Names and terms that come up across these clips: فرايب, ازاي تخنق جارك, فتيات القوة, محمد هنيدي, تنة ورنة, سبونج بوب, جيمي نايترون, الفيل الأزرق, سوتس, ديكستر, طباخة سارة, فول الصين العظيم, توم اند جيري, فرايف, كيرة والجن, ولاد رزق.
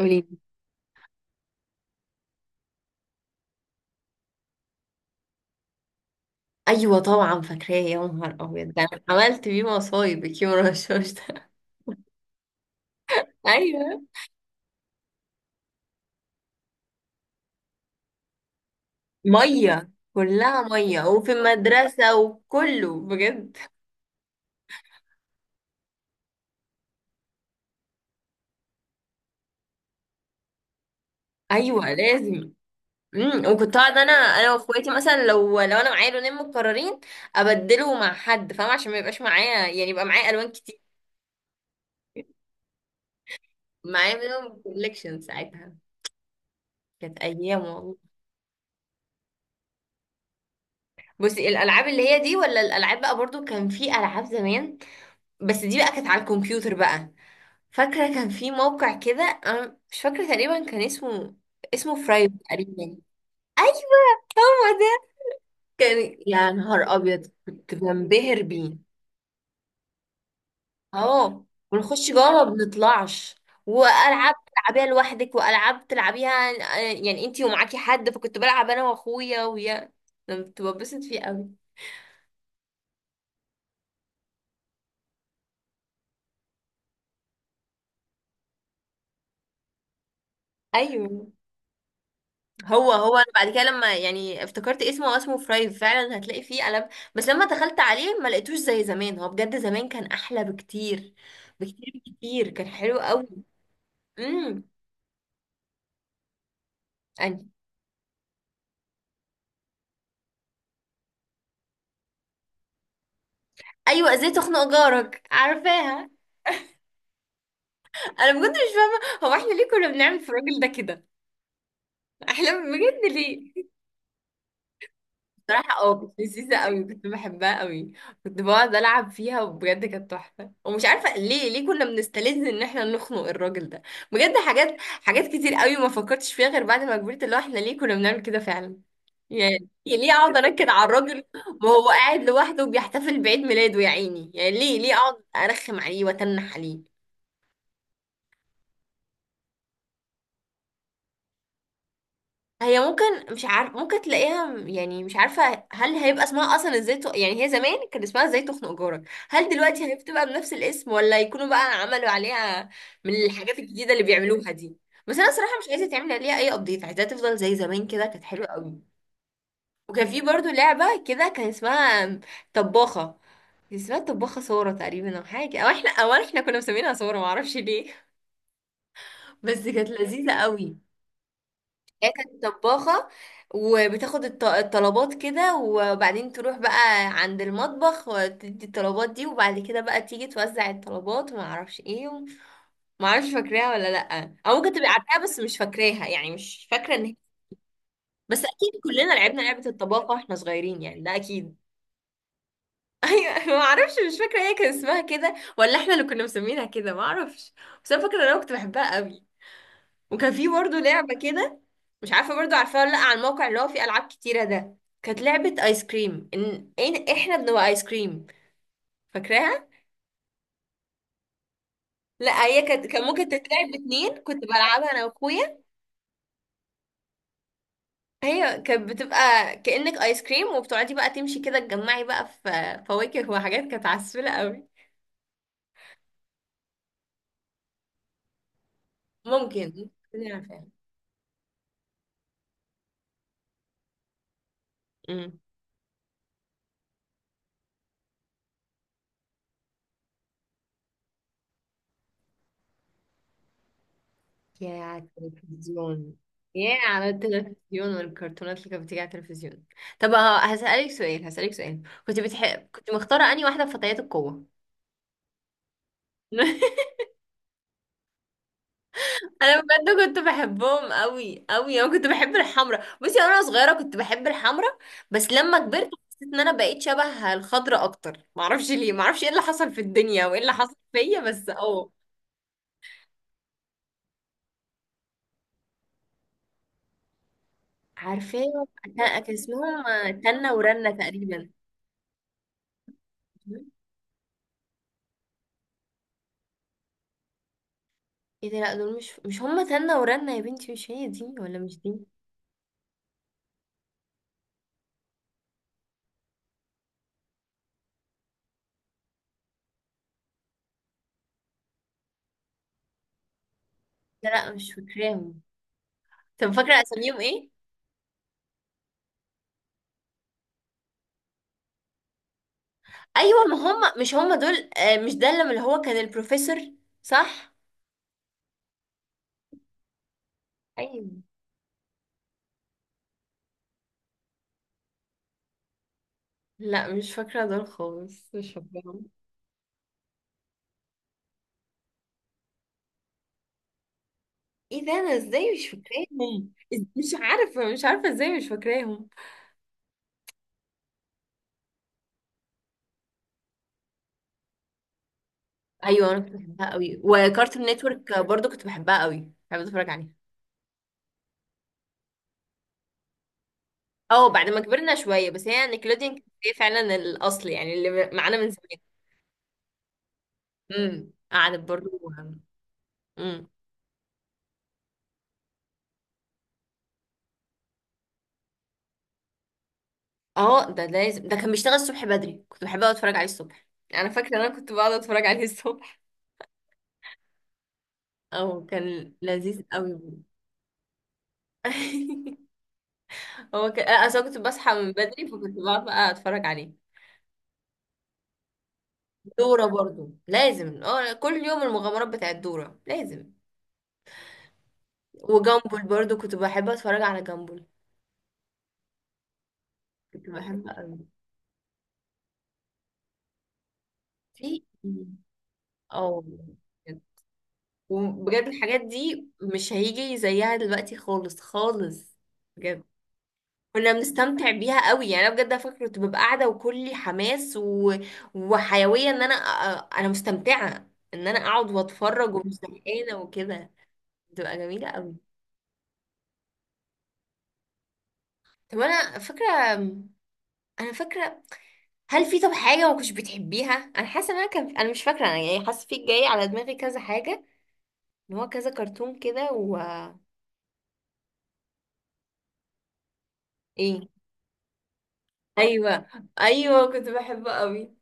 قولي. ايوه طبعا فاكراه يا نهار ابيض، ده انا عملت بيه مصايب الكيمو رشاش ده. ايوه، ميه كلها ميه، وفي المدرسه، وكله بجد. ايوه لازم. وكنت اقعد انا واخواتي، مثلا لو انا معايا لونين متكررين، ابدله مع حد فاهمه عشان ما يبقاش معايا، يعني يبقى معايا الوان كتير. معايا منهم كوليكشن ساعتها. كانت ايام والله. بصي، الالعاب اللي هي دي ولا الالعاب بقى، برضو كان في العاب زمان، بس دي بقى كانت على الكمبيوتر بقى. فاكرة كان في موقع كده، أنا مش فاكرة تقريبا كان اسمه فرايب تقريبا. أيوة هو ده. كان يا نهار أبيض، كنت بنبهر بيه. أهو. ونخش جوه ما بنطلعش. وألعاب تلعبيها لوحدك، وألعاب تلعبيها. يعني انتي ومعاكي حد، فكنت بلعب أنا وأخويا ويا. أنا كنت ببسط فيه أوي. أيوة. هو انا بعد كده لما يعني افتكرت اسمه، هو اسمه فرايف فعلا. هتلاقي فيه قلم، بس لما دخلت عليه ما لقيتوش زي زمان. هو بجد زمان كان احلى بكتير بكتير بكتير، كان حلو قوي. امم يعني ايوه، ازاي تخنق جارك، عارفاها. انا بجد مش فاهمه، هو احنا ليه كنا بنعمل في الراجل ده كده؟ احنا بجد ليه؟ بصراحة، كنت لذيذة قوي، كنت بحبها قوي. كنت بقعد ألعب فيها، وبجد كانت تحفة، ومش عارفة ليه ليه كنا بنستلذ إن احنا نخنق الراجل ده. بجد حاجات حاجات كتير قوي ما فكرتش فيها غير بعد ما كبرت، اللي هو احنا ليه كنا بنعمل كده فعلا. يعني ليه أقعد أنكد على الراجل وهو قاعد لوحده وبيحتفل بعيد ميلاده يا عيني؟ يعني ليه ليه أقعد أرخم عليه وأتنح عليه؟ هي ممكن، مش عارف، ممكن تلاقيها، يعني مش عارفة هل هيبقى اسمها أصلا ازاي، يعني هي زمان كان اسمها ازاي تخنق جارك. هل دلوقتي هي بتبقى بنفس الاسم، ولا يكونوا بقى عملوا عليها من الحاجات الجديدة اللي بيعملوها دي؟ بس أنا صراحة مش عايزة تعمل عليها أي أبديت، عايزاها تفضل زي زمان كده، كانت حلوة قوي. وكان في برضو لعبة كده، كان اسمها طباخة. كان اسمها طباخة سارة تقريبا، أو حاجة، أو احنا كنا مسمينها سارة، معرفش ليه. بس كانت لذيذة قوي. هي كانت طباخة، وبتاخد الطلبات كده، وبعدين تروح بقى عند المطبخ وتدي الطلبات دي، وبعد كده بقى تيجي توزع الطلبات. وما اعرفش ايه، وما اعرفش فاكراها ولا لا، او ممكن تبقى عارفاها بس مش فاكراها، يعني مش فاكرة ان هي. بس اكيد كلنا لعبنا لعبة الطباخة واحنا صغيرين، يعني ده اكيد. ايوه، ما اعرفش، مش فاكرة هي كان اسمها كده، ولا احنا اللي كنا مسمينها كده، ما اعرفش. بس انا فاكرة ان انا كنت بحبها قوي. وكان في برضه لعبة كده، مش عارفه برضو عارفاه ولا لا، على الموقع اللي هو فيه العاب كتيره ده. كانت لعبه ايس كريم، احنا بنبقى ايس كريم، فاكراها؟ لا، هي كان ممكن تتلعب باتنين، كنت بلعبها انا واخويا. هي كانت بتبقى كأنك ايس كريم، وبتقعدي بقى تمشي كده تجمعي بقى في فواكه وحاجات، كانت عسولة قوي. ممكن نعرف يعني، أمم. يا على التلفزيون. يا على التلفزيون والكرتونات اللي كانت بتيجي على التلفزيون. طب هسألك سؤال. كنت بتحب، كنت مختارة انهي واحدة في فتيات القوة؟ انا بجد كنت بحبهم قوي قوي. انا كنت بحب الحمرا، بصي انا صغيره كنت بحب الحمرا. بس لما كبرت حسيت ان انا بقيت شبه الخضرا اكتر، معرفش ليه، معرفش ايه اللي حصل في الدنيا، وايه اللي حصل فيا، بس عارفاه. كان اسمهم تنة ورنة تقريبا. ايه ده؟ لا، دول مش هم تنة ورنة يا بنتي، مش هي دي، ولا مش دي. لا لا، مش فاكراهم. طب فاكره اساميهم ايه؟ ايوه، ما هم مش هم دول، مش ده اللي هو كان البروفيسور. صح. ايوه. لا مش فاكرة دول خالص، مش فاكراهم. ايه ده، انا ازاي مش فاكراهم؟ مش عارفة، مش عارفة ازاي مش فاكراهم. ايوه انا كنت بحبها قوي. وكارتون نتورك برضو كنت بحبها قوي، بحب اتفرج عليها. اه، بعد ما كبرنا شوية، بس هي نيكلوديان كانت هي فعلا الاصل، يعني اللي معانا من زمان. قعدت برضو. امم اه ده لازم، ده كان بيشتغل الصبح بدري، كنت بحب اقعد اتفرج عليه الصبح. انا فاكرة ان انا كنت بقعد اتفرج عليه الصبح. اه كان لذيذ قوي. هو ك... آه، اصل أنا كنت بصحى من بدري، فكنت بقعد بقى اتفرج عليه. دورة برضو لازم، كل يوم المغامرات بتاعت دورة لازم. وجامبل برضو كنت بحب اتفرج على جامبل، كنت بحب قوي. في. اه، وبجد الحاجات دي مش هيجي زيها دلوقتي خالص، خالص. بجد كنا بنستمتع بيها قوي، يعني انا بجد فاكره كنت ببقى قاعده وكلي حماس وحيويه، ان انا انا مستمتعه ان انا اقعد واتفرج ومش زهقانه وكده. بتبقى جميلة قوي. طب انا فاكره، انا فاكره، هل في؟ طب حاجه ما كنتش بتحبيها؟ انا حاسه ان انا كان، انا مش فاكره، انا يعني حاسه في جاي على دماغي كذا حاجه، ان هو كذا كرتون كده و... ايه؟ ايوه، ايوه، كنت بحبه قوي.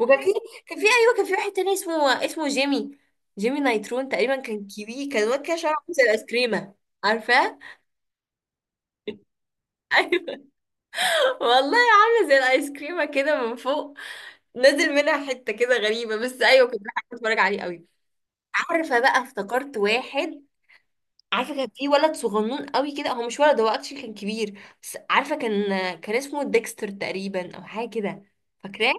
وكان في، ايوه، كان في واحد تاني اسمه جيمي. جيمي نايترون تقريبا، كان كبير، كان واد كده شعره عامل زي الايس كريمه. عارفاه؟ ايوه، والله عامله زي الايس كريمه كده من فوق، نازل منها حته كده غريبه، بس ايوه كنت بحب اتفرج عليه قوي. عارفه بقى افتكرت واحد. عارفه كان في ولد صغنون قوي كده، هو مش ولد، هو اكشلي كان كبير، بس عارفه كان اسمه ديكستر تقريبا، او حاجه كده. فاكراه؟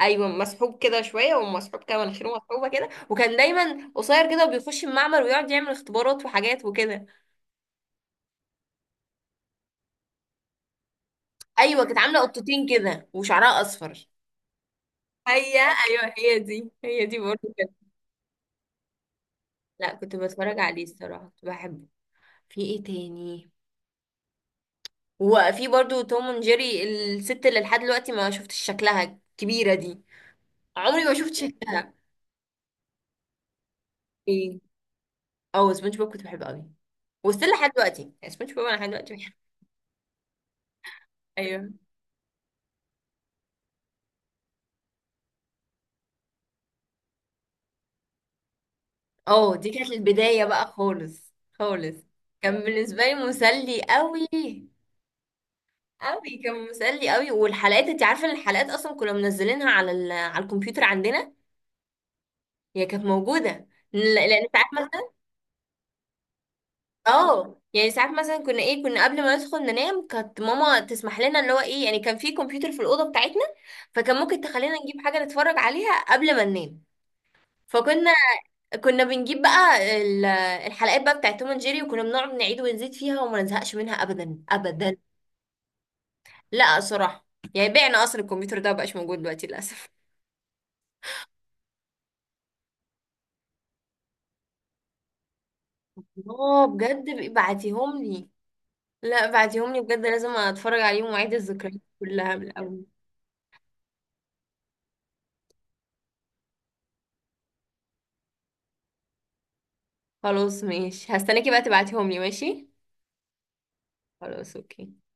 ايوه مسحوب كده شويه، ومسحوب كده، مناخيره مسحوبه كده، وكان دايما قصير كده، وبيخش المعمل ويقعد يعمل اختبارات وحاجات وكده. ايوه كانت عامله قطتين كده وشعرها اصفر. هي ايوه، هي دي، هي دي برضه كده. لا كنت بتفرج عليه الصراحه، كنت بحبه. في ايه تاني؟ وفي برضو توم اند جيري، الست اللي لحد دلوقتي ما شفتش شكلها كبيرة دي، عمري ما شفت شكلها. ايه؟ اه، سبونج بوب كنت بحبه قوي. وستيل لحد دلوقتي، يعني سبونج بوب انا لحد دلوقتي بحبه. ايوه. اه، دي كانت البداية بقى خالص. خالص، كان بالنسبة لي مسلي قوي، قوي كان مسلي قوي. والحلقات، انت عارفة ان الحلقات اصلا كنا منزلينها على على الكمبيوتر عندنا. هي كانت موجودة. لان انت عارفة. اه، يعني ساعات مثلا كنا ايه، كنا قبل ما ندخل ننام كانت ماما تسمح لنا، اللي هو ايه، يعني كان في كمبيوتر في الاوضه بتاعتنا، فكان ممكن تخلينا نجيب حاجه نتفرج عليها قبل ما ننام. فكنا بنجيب بقى الحلقات بقى بتاعت توم اند جيري، وكنا بنقعد نعيد ونزيد فيها، وما نزهقش منها ابدا ابدا. لا صراحه، يعني بعنا اصلا الكمبيوتر ده، مبقاش موجود دلوقتي للاسف. اه بجد، بعتيهم لي. لا بعتيهم لي بجد، لازم اتفرج عليهم واعيد الذكريات كلها من الاول. خلاص ماشي، هستناكي بقى تبعتيهم لي. ماشي. خلاص اوكي.